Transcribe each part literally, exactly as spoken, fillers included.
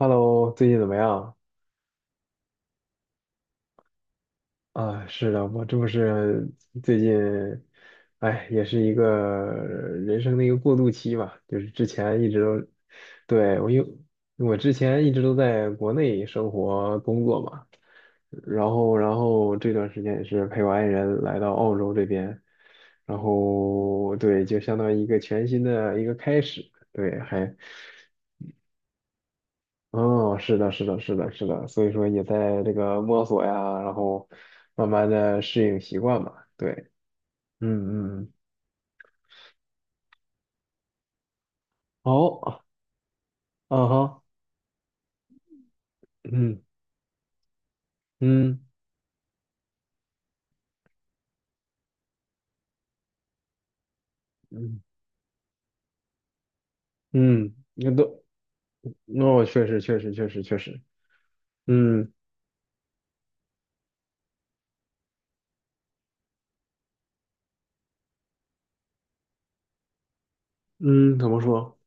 Hello，最近怎么样？啊，是的，我这不是最近，哎，也是一个人生的一个过渡期吧。就是之前一直都，对，我有，我之前一直都在国内生活工作嘛，然后，然后这段时间也是陪我爱人来到澳洲这边，然后对，就相当于一个全新的一个开始，对，还哦，是的，是的，是的，是的，所以说也在这个摸索呀，然后慢慢的适应习惯吧。对，嗯嗯，嗯好，啊哈，嗯嗯嗯嗯，那都，那我确实确实确实确实，嗯嗯，怎么说？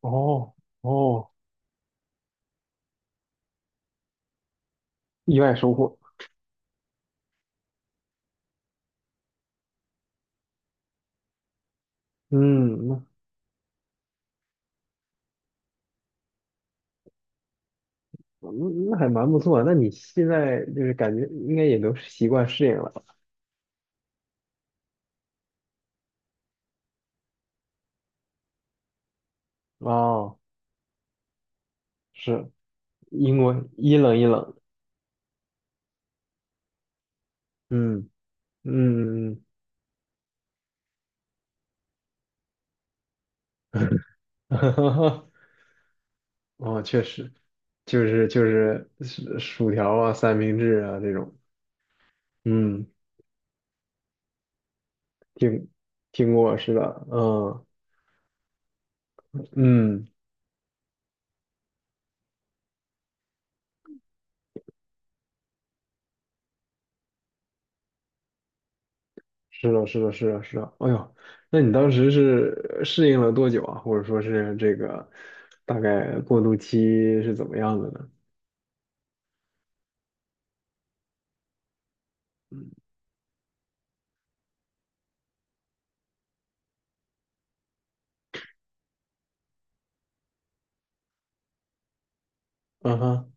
哦哦，意外收获，嗯，那嗯那还蛮不错。那你现在就是感觉应该也都习惯适应了哦，是，因为一冷一冷，嗯。嗯，哦，确实，就是就是薯薯条啊、三明治啊这种，嗯，听听过是的，嗯嗯，是的，是的，是的，是的，哎呦，那你当时是适应了多久啊？或者说是这个大概过渡期是怎么样的呢？嗯哼，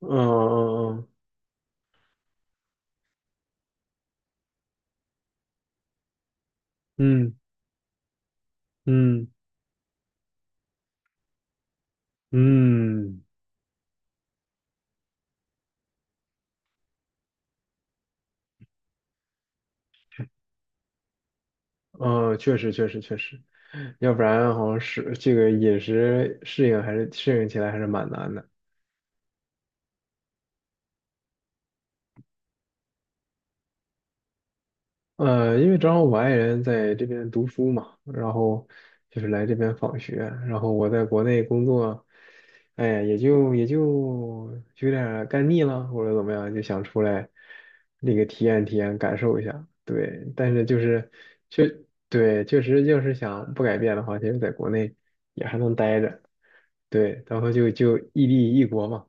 嗯嗯嗯嗯嗯嗯。嗯嗯，确实确实确实，要不然好像是这个饮食适应还是适应起来还是蛮难的。呃，因为正好我爱人在这边读书嘛，然后就是来这边访学，然后我在国内工作，哎呀也就也就就有点儿干腻了，或者怎么样，就想出来那个体验体验，感受一下。对，但是就是确对，确实就是想不改变的话，其实在国内也还能待着。对，然后就就异地异国嘛，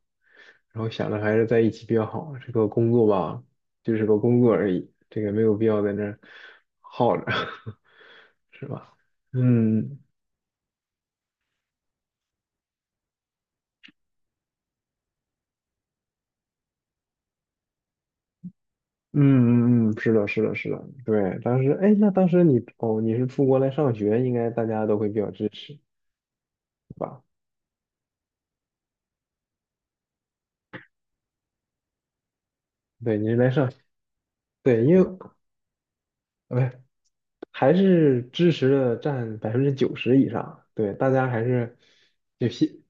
然后想着还是在一起比较好。这个工作吧，就是个工作而已，这个没有必要在那儿耗着，是吧？嗯嗯嗯嗯，是的，是的，是的，对。当时，哎，那当时你哦，你是出国来上学，应该大家都会比较支持，对吧？对，你是来上，对，因为，哎还是支持的占百分之九十以上，对，大家还是就心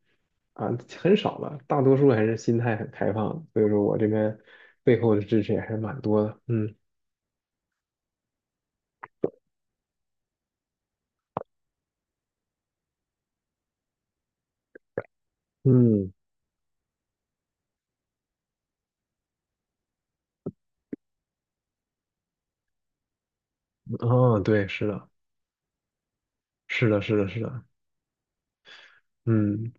啊很少了，大多数还是心态很开放，所以说我这边背后的支持也还是蛮多的，嗯嗯，哦，对，是的，是的，是的，是的，嗯，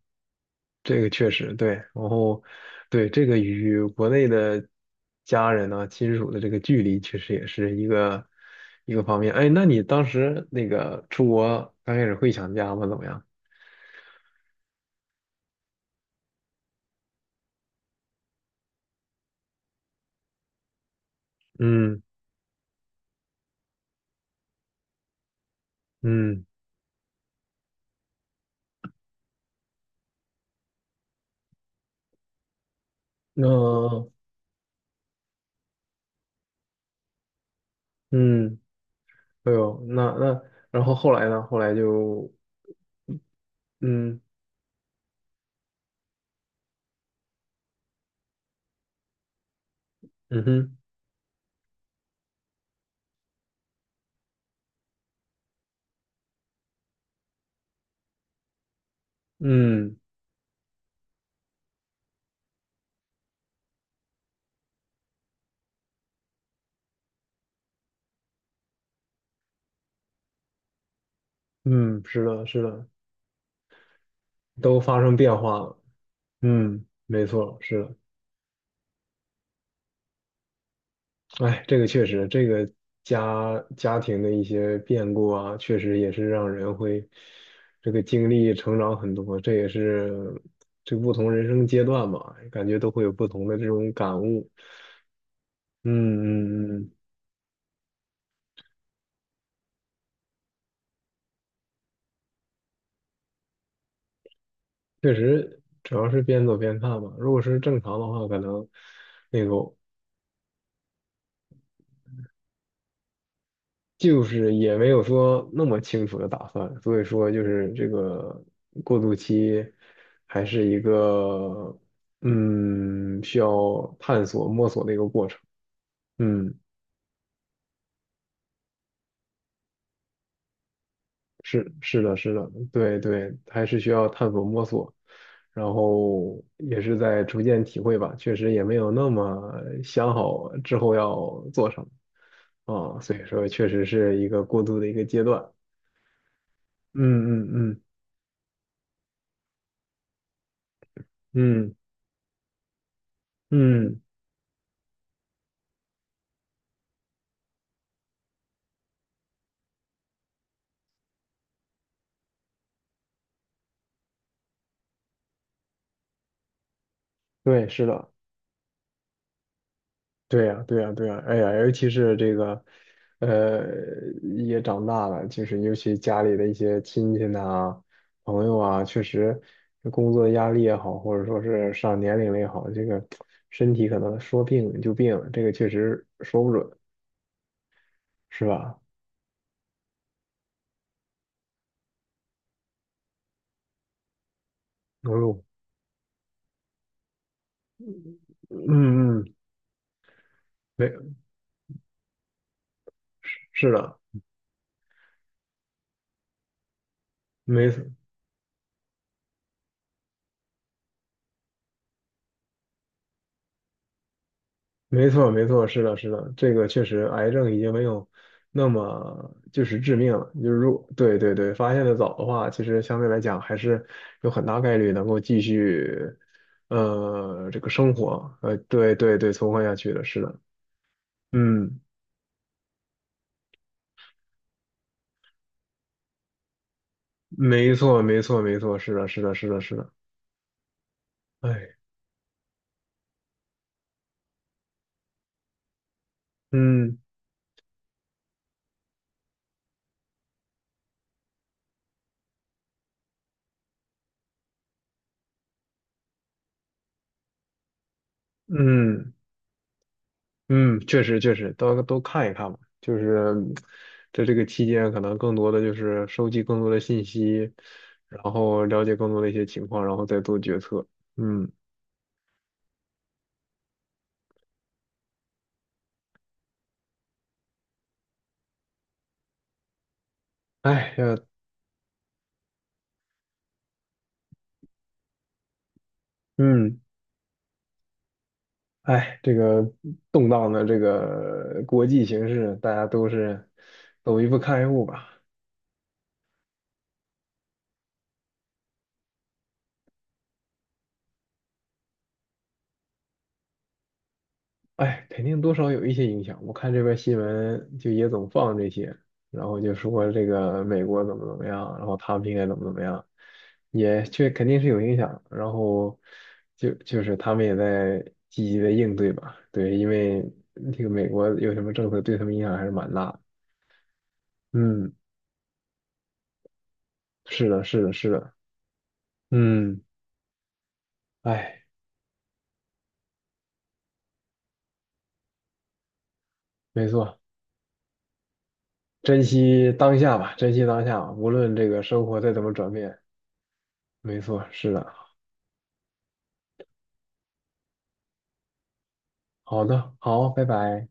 这个确实对，然后对这个与国内的家人呢亲属的这个距离，确实也是一个一个方面。哎，那你当时那个出国刚开始会想家吗？怎么样？嗯。嗯，那嗯，哎呦，那那，然后后来呢？后来就嗯嗯哼嗯嗯，是的，是的，都发生变化了。嗯，没错，是的。哎，这个确实，这个家家庭的一些变故啊，确实也是让人会这个经历成长很多。这也是这不同人生阶段吧，感觉都会有不同的这种感悟。嗯嗯嗯。嗯确实，主要是边走边看吧。如果是正常的话，可能那个就是也没有说那么清楚的打算，所以说就是这个过渡期还是一个嗯需要探索摸索的一个过程。嗯。是是的，是的，对对，还是需要探索摸索，然后也是在逐渐体会吧。确实也没有那么想好之后要做什么啊，所以说确实是一个过渡的一个阶段。嗯嗯嗯嗯嗯，对，是的。对呀，对呀，对呀，哎呀，尤其是这个，呃，也长大了，就是尤其家里的一些亲戚呐、朋友啊，确实工作压力也好，或者说是上年龄了也好，这个身体可能说病就病了，这个确实说不准，是吧？哦呦，嗯嗯，没，是的，没，没错，没错，是的，是的，这个确实，癌症已经没有那么就是致命了。就是如对对对，发现的早的话，其实相对来讲还是有很大概率能够继续，呃，这个生活，呃，对对对，存活下去的，是的，嗯，没错，没错，没错，是的，是的，是的，是的，哎，嗯嗯。嗯，确实确实，都都看一看吧。就是在这个期间，可能更多的就是收集更多的信息，然后了解更多的一些情况，然后再做决策。嗯，哎呀，嗯，哎，这个动荡的这个国际形势，大家都是走一步看一步吧。哎，肯定多少有一些影响。我看这边新闻就也总放这些，然后就说这个美国怎么怎么样，然后他们应该怎么怎么样，也确肯定是有影响。然后就就是他们也在积极的应对吧，对，因为这个美国有什么政策对他们影响还是蛮大的嗯，是的，是的，是的，嗯，哎，没错，珍惜当下吧，珍惜当下吧无论这个生活再怎么转变，没错，是的。好的，好，拜拜。